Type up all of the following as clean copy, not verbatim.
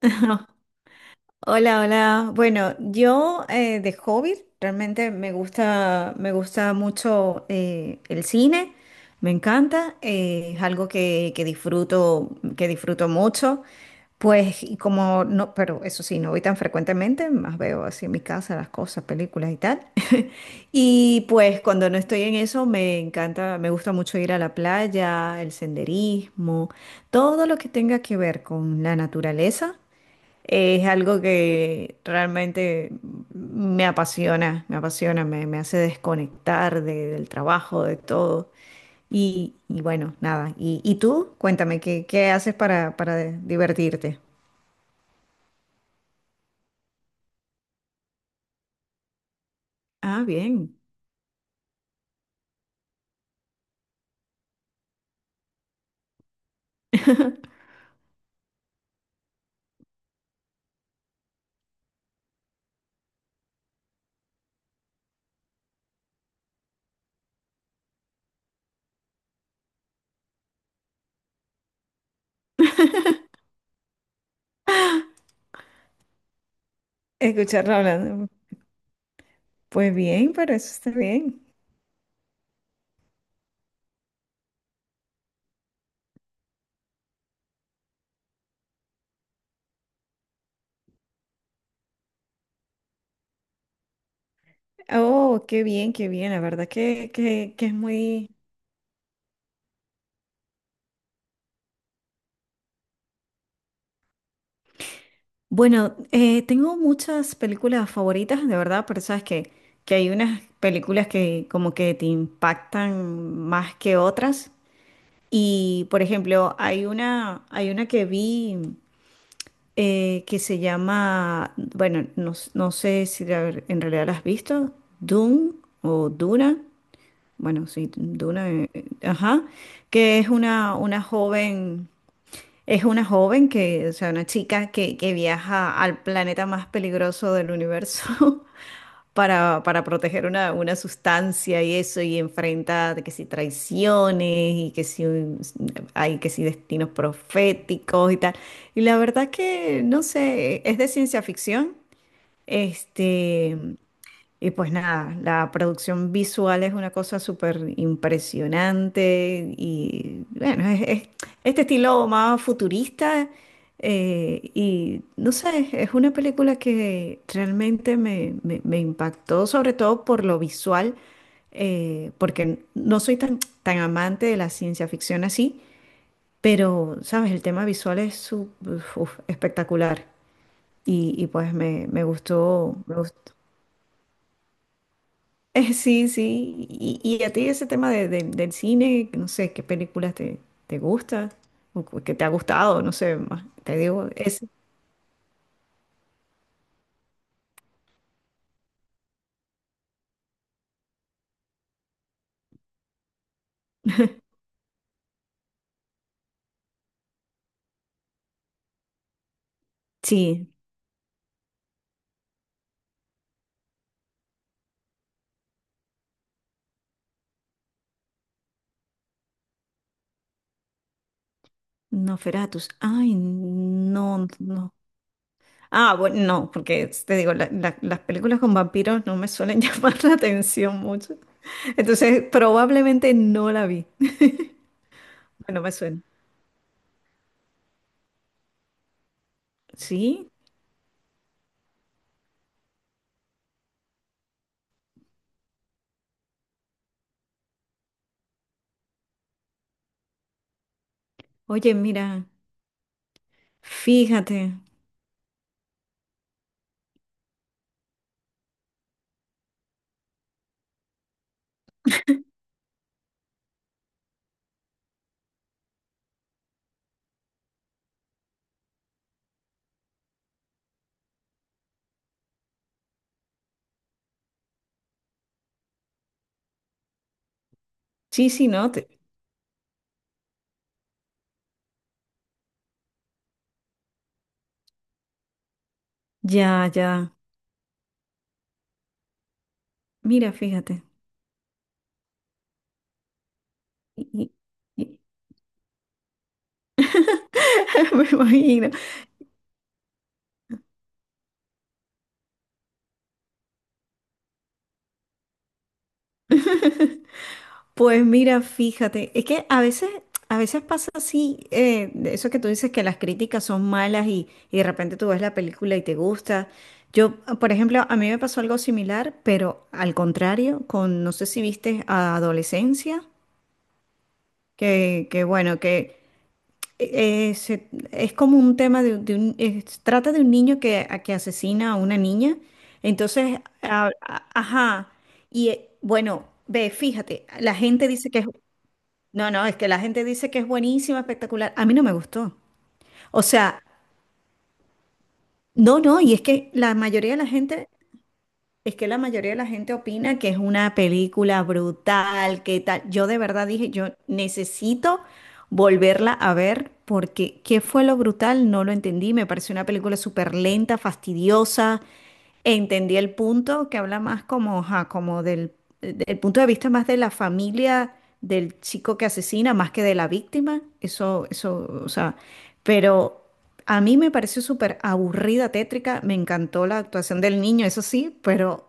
Hola, hola. Bueno, yo de hobby realmente me gusta mucho el cine, me encanta, es algo que disfruto mucho. Pues, y como no, pero eso sí, no voy tan frecuentemente, más veo así en mi casa las cosas, películas y tal. Y pues cuando no estoy en eso, me encanta, me gusta mucho ir a la playa, el senderismo, todo lo que tenga que ver con la naturaleza. Es algo que realmente me apasiona, me hace desconectar del trabajo, de todo. Y bueno, nada. ¿Y tú? Cuéntame, qué haces para divertirte? Ah, bien. Escucharlo hablando. Pues bien, pero eso está bien. Oh, qué bien, qué bien. La verdad que es muy. Bueno, tengo muchas películas favoritas, de verdad, pero sabes que hay unas películas que como que te impactan más que otras. Y, por ejemplo, hay una que vi que se llama, bueno, no, no sé si en realidad la has visto, Dune o Duna, bueno, sí, Duna, ajá, que es una joven. Es una joven que, o sea, una chica que viaja al planeta más peligroso del universo para proteger una sustancia y eso, y enfrenta de que si traiciones y que si hay que si destinos proféticos y tal. Y la verdad que, no sé, es de ciencia ficción. Este, y pues nada, la producción visual es una cosa súper impresionante y bueno, es este estilo más futurista y no sé, es una película que realmente me impactó, sobre todo por lo visual, porque no soy tan amante de la ciencia ficción así, pero sabes, el tema visual es uf, espectacular y pues me gustó, me gustó. Sí, sí. Y a ti ese tema del cine, no sé, qué películas te gusta o que te ha gustado, no sé, más, te digo, es, sí, Nosferatus. Ay, no, no. Ah, bueno, no, porque te digo, las películas con vampiros no me suelen llamar la atención mucho. Entonces, probablemente no la vi. No me suena. Sí, oye, mira, fíjate. Sí, sí, no, ya, ya. Mira, fíjate. Y- y- Me imagino. Pues mira, fíjate, es que a veces pasa así, de eso que tú dices que las críticas son malas y de repente tú ves la película y te gusta. Yo, por ejemplo, a mí me pasó algo similar, pero al contrario, con, no sé si viste a Adolescencia, que bueno, que es como un tema de un, trata de un niño que, que asesina a una niña. Entonces, ajá, y bueno, ve, fíjate, la gente dice que es, no, no, es que la gente dice que es buenísima, espectacular. A mí no me gustó. O sea, no, no, y es que la mayoría de la gente. Es que la mayoría de la gente opina que es una película brutal, que tal. Yo de verdad dije, yo necesito volverla a ver porque ¿qué fue lo brutal? No lo entendí. Me pareció una película súper lenta, fastidiosa. Entendí el punto que habla más como, ajá, como del punto de vista más de la familia del chico que asesina, más que de la víctima. Eso, o sea, pero a mí me pareció súper aburrida, tétrica, me encantó la actuación del niño, eso sí, pero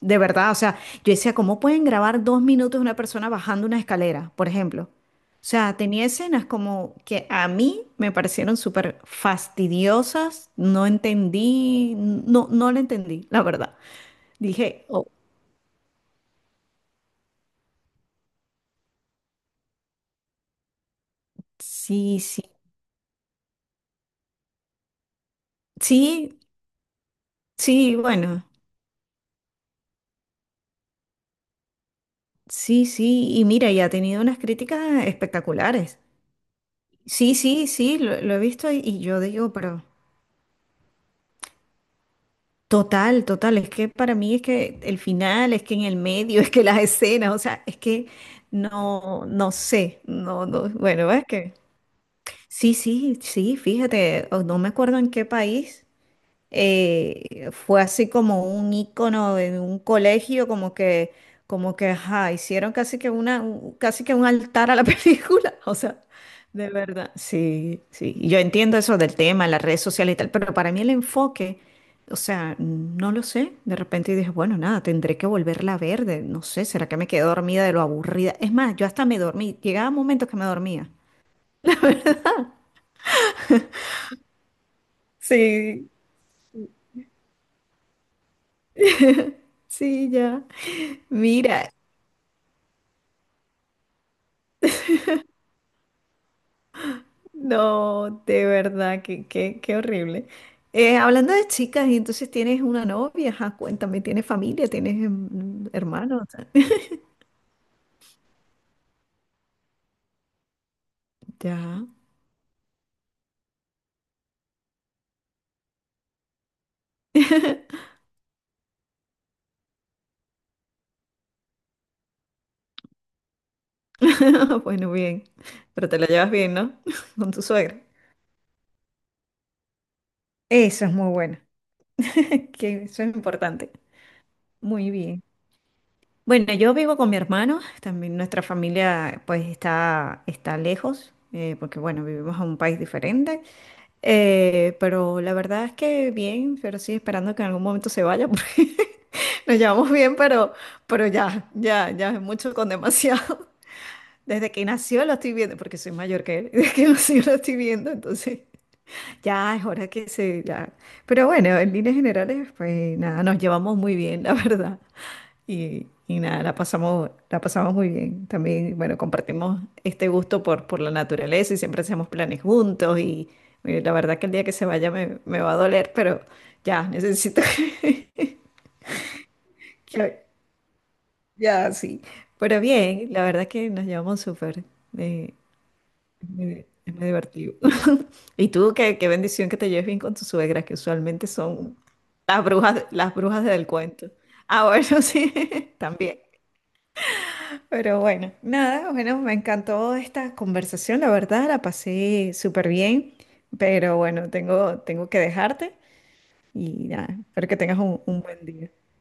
de verdad, o sea, yo decía, ¿cómo pueden grabar dos minutos de una persona bajando una escalera, por ejemplo? O sea, tenía escenas como que a mí me parecieron súper fastidiosas, no entendí, no, no la entendí, la verdad. Dije, oh, sí, sí, sí, sí, bueno, sí, sí, y mira, y ha tenido unas críticas espectaculares. Sí, sí, sí, lo he visto y yo digo, pero total, total, es que para mí es que el final, es que en el medio, es que las escenas, o sea, es que no, no sé, no, no, bueno, es que sí, sí, sí, fíjate, o no me acuerdo en qué país. Fue así como un icono de un colegio, como que, ajá, hicieron casi que una, casi que un altar a la película, o sea, de verdad. Sí, sí, y yo entiendo eso del tema, las redes sociales y tal, pero para mí el enfoque, o sea, no lo sé, de repente dije, bueno, nada, tendré que volverla a ver, no sé, ¿será que me quedé dormida de lo aburrida? Es más, yo hasta me dormí, llegaba momentos que me dormía. Sí, sí, ya. Mira, no, de verdad, qué, qué, qué horrible. Hablando de chicas, y entonces tienes una novia, ajá, cuéntame, ¿tienes familia? ¿Tienes mm, hermanos? Ya. Bueno, bien. Pero te la llevas bien, ¿no? Con tu suegra. Eso es muy bueno. Que eso es importante. Muy bien. Bueno, yo vivo con mi hermano. También nuestra familia, pues, está lejos, porque, bueno, vivimos en un país diferente. Pero la verdad es que bien, pero sí esperando que en algún momento se vaya, porque nos llevamos bien, pero ya, ya, ya es mucho con demasiado. Desde que nació lo estoy viendo, porque soy mayor que él, desde que nació lo estoy viendo, entonces ya es hora que se, ya. Pero bueno, en líneas generales, pues nada, nos llevamos muy bien, la verdad. Y nada, la pasamos muy bien. También, bueno, compartimos este gusto por la naturaleza y siempre hacemos planes juntos. Y, mire, la verdad que el día que se vaya me va a doler, pero ya, necesito que, que- ya, sí. Pero bien, la verdad que nos llevamos súper. Eh, es muy divertido. Y tú, qué, qué bendición que te lleves bien con tus suegras, que usualmente son las brujas del cuento. Ah, bueno, sí, también. Pero bueno, nada, bueno, me encantó esta conversación, la verdad, la pasé súper bien, pero bueno, tengo, tengo que dejarte y nada, espero que tengas un buen día.